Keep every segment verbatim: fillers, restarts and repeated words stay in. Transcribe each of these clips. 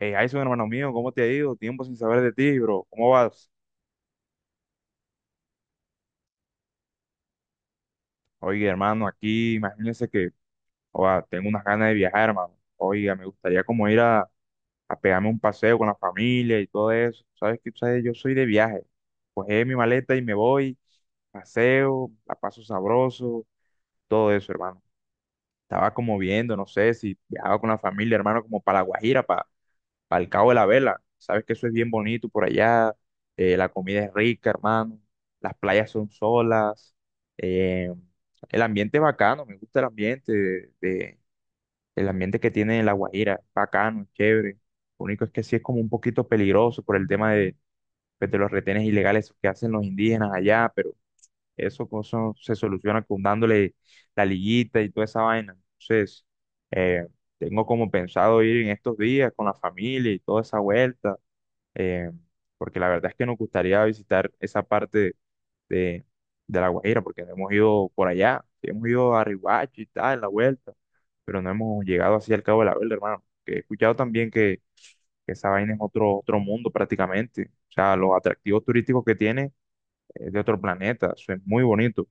Hey, Jason, hermano mío, ¿cómo te ha ido? Tiempo sin saber de ti, bro. ¿Cómo vas? Oye, hermano, aquí imagínense que oa, tengo unas ganas de viajar, hermano. Oiga, me gustaría como ir a, a pegarme un paseo con la familia y todo eso. ¿Sabes qué? ¿Sabes? Yo soy de viaje. Cogí mi maleta y me voy, paseo, la paso sabroso, todo eso, hermano. Estaba como viendo, no sé si viajaba con la familia, hermano, como para La Guajira, al Cabo de la Vela. Sabes que eso es bien bonito por allá. Eh, la comida es rica, hermano. Las playas son solas. eh, el ambiente es bacano. Me gusta el ambiente de, de- el ambiente que tiene La Guajira. Es bacano, es chévere. Lo único es que sí es como un poquito peligroso por el tema de, pues, de los retenes ilegales que hacen los indígenas allá, pero eso, eso se soluciona con dándole la liguita y toda esa vaina. Entonces, eh, tengo como pensado ir en estos días con la familia y toda esa vuelta, eh, porque la verdad es que nos gustaría visitar esa parte de, de La Guajira, porque no hemos ido por allá, sí hemos ido a Riohacha y tal, en la vuelta, pero no hemos llegado así al Cabo de la Verde, hermano. Que he escuchado también que, que esa vaina es otro, otro mundo prácticamente, o sea, los atractivos turísticos que tiene es de otro planeta, eso es muy bonito.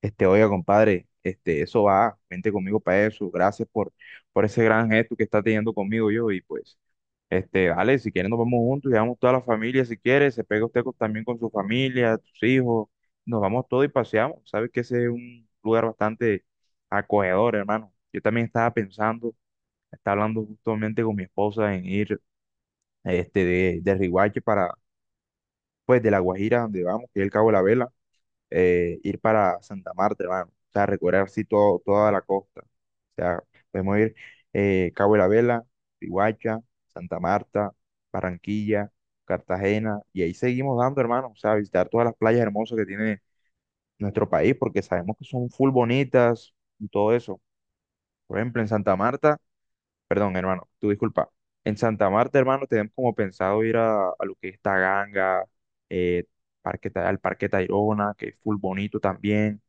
Este, oiga, compadre, este, eso va, vente conmigo para eso. Gracias por, por ese gran gesto que está teniendo conmigo yo. Y pues, este, vale, si quieren nos vamos juntos, llevamos toda la familia, si quiere, se pega usted con- también con su familia, tus hijos, nos vamos todos y paseamos. Sabes que ese es un lugar bastante acogedor, hermano. Yo también estaba pensando, estaba hablando justamente con mi esposa en ir, este, de, de Riguache para, pues, de La Guajira, donde vamos, que es el Cabo de la Vela, eh, ir para Santa Marta, hermano. O sea, recorrer así todo, toda la costa. O sea, podemos ir eh, Cabo de la Vela, Riohacha, Santa Marta, Barranquilla, Cartagena, y ahí seguimos dando, hermano. O sea, visitar todas las playas hermosas que tiene nuestro país, porque sabemos que son full bonitas y todo eso. Por ejemplo, en Santa Marta, perdón, hermano, tú disculpa. En Santa Marta, hermano, tenemos como pensado ir a, a lo que es Taganga, eh, parque, Ta- al Parque Tayrona, que es full bonito también.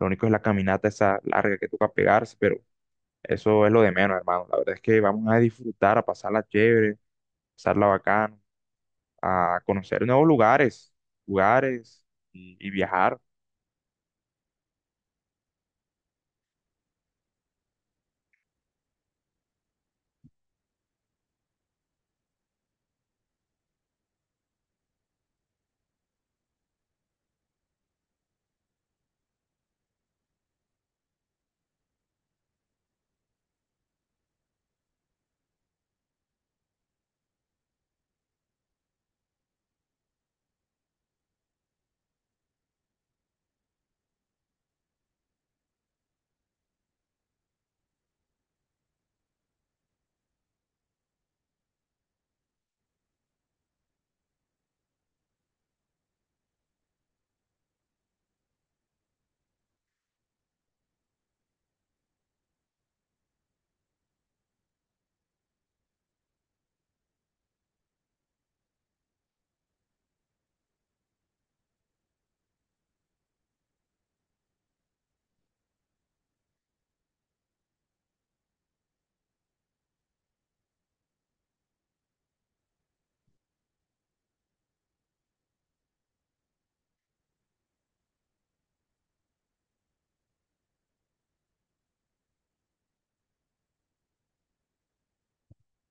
Lo único es la caminata esa larga que toca pegarse, pero eso es lo de menos, hermano. La verdad es que vamos a disfrutar, a pasarla chévere, pasarla bacano, a conocer nuevos lugares, lugares y, y viajar.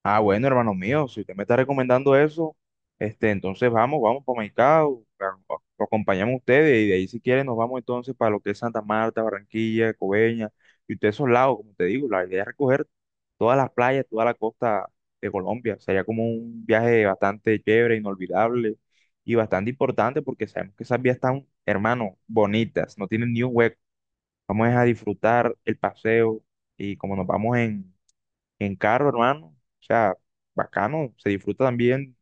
Ah, bueno, hermano mío, si usted me está recomendando eso, este, entonces vamos, vamos para Maicao, a- lo acompañamos a ustedes y de ahí si quieren nos vamos entonces para lo que es Santa Marta, Barranquilla, Coveña y ustedes esos lados, como te digo, la idea es recoger todas las playas, toda la costa de Colombia. Sería como un viaje bastante chévere, inolvidable y bastante importante porque sabemos que esas vías están, hermano, bonitas, no tienen ni un hueco. Vamos a disfrutar el paseo y como nos vamos en, en carro, hermano, o sea, bacano, se disfruta también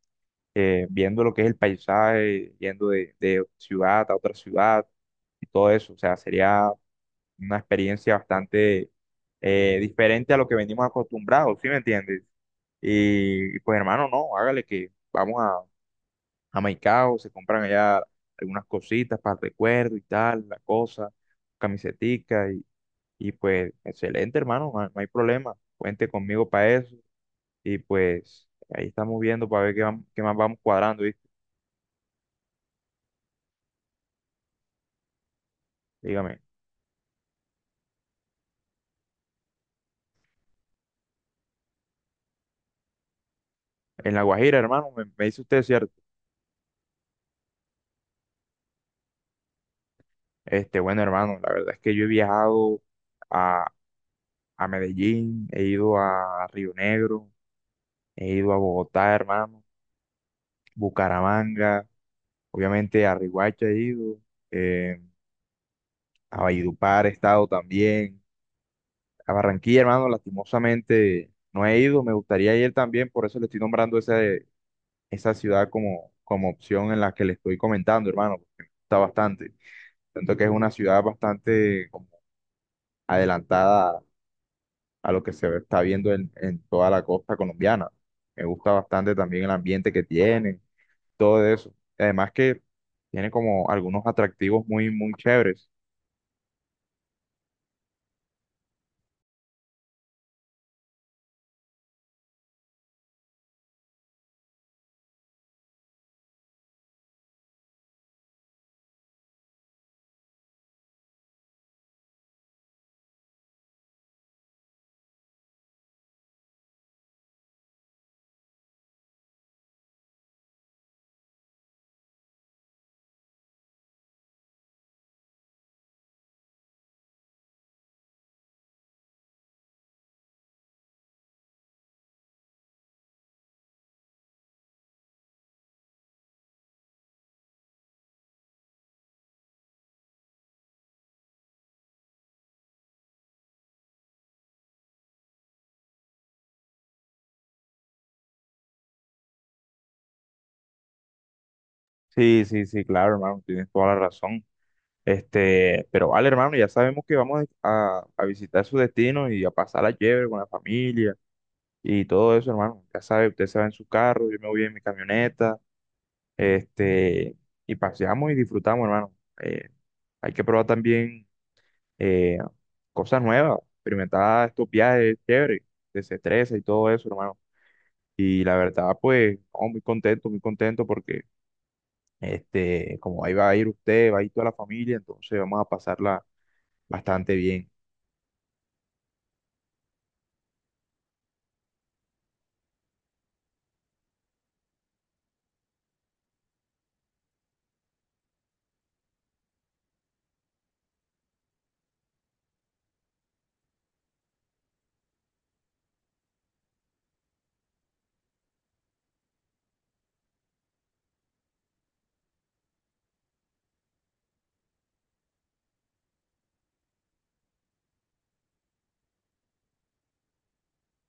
eh, viendo lo que es el paisaje, yendo de, de ciudad a otra ciudad y todo eso. O sea, sería una experiencia bastante eh, diferente a lo que venimos acostumbrados, ¿sí me entiendes? Y pues hermano, no, hágale que vamos a, a Maicao, se compran allá algunas cositas para el recuerdo y tal, la cosa, camisetica y, y pues excelente hermano, no, hay no hay problema, cuente conmigo para eso y pues ahí estamos viendo para ver qué, vam- qué más vamos cuadrando, ¿viste? Dígame, en La Guajira hermano, me, me dice usted, ¿cierto? Este, bueno hermano, la verdad es que yo he viajado a Medellín, he ido a Río Negro, he ido a Bogotá, hermano, Bucaramanga, obviamente a Riohacha he ido, eh, a Valledupar he estado también, a Barranquilla, hermano, lastimosamente no he ido, me gustaría ir también, por eso le estoy nombrando esa, esa ciudad como, como opción en la que le estoy comentando, hermano, porque me gusta bastante. Tanto que es una ciudad bastante como adelantada a lo que se está viendo en, en toda la costa colombiana. Me gusta bastante también el ambiente que tiene, todo eso. Además que tiene como algunos atractivos muy, muy chéveres. Sí, sí, sí, claro, hermano, tienes toda la razón. Este, pero vale, hermano, ya sabemos que vamos a, a visitar su destino y a pasar la chévere con la familia y todo eso, hermano. Ya sabe, usted se va en su carro, yo me voy en mi camioneta, este, y paseamos y disfrutamos, hermano. Eh, Hay que probar también eh, cosas nuevas, experimentar estos viajes chéveres, desestresa y todo eso, hermano. Y la verdad, pues, no, muy contento, muy contento porque, este, como ahí va a ir usted, va a ir toda la familia, entonces vamos a pasarla bastante bien.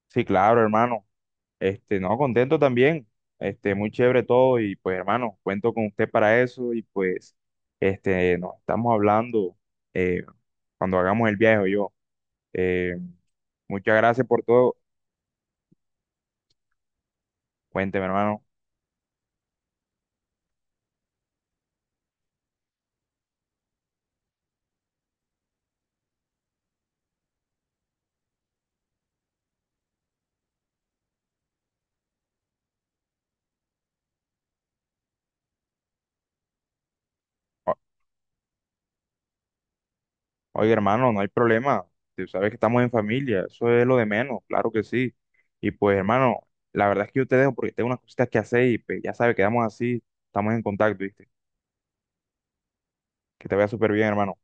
Sí, claro, hermano. Este, no, contento también. Este, muy chévere todo y pues, hermano, cuento con usted para eso y pues, este, nos estamos hablando eh, cuando hagamos el viaje o yo. Eh, Muchas gracias por todo. Cuénteme, hermano. Oye, hermano, no hay problema. Tú sabes que estamos en familia, eso es lo de menos, claro que sí. Y pues, hermano, la verdad es que yo te dejo porque tengo unas cositas que hacer y pues, ya sabes, quedamos así, estamos en contacto, ¿viste? Que te vaya súper bien, hermano.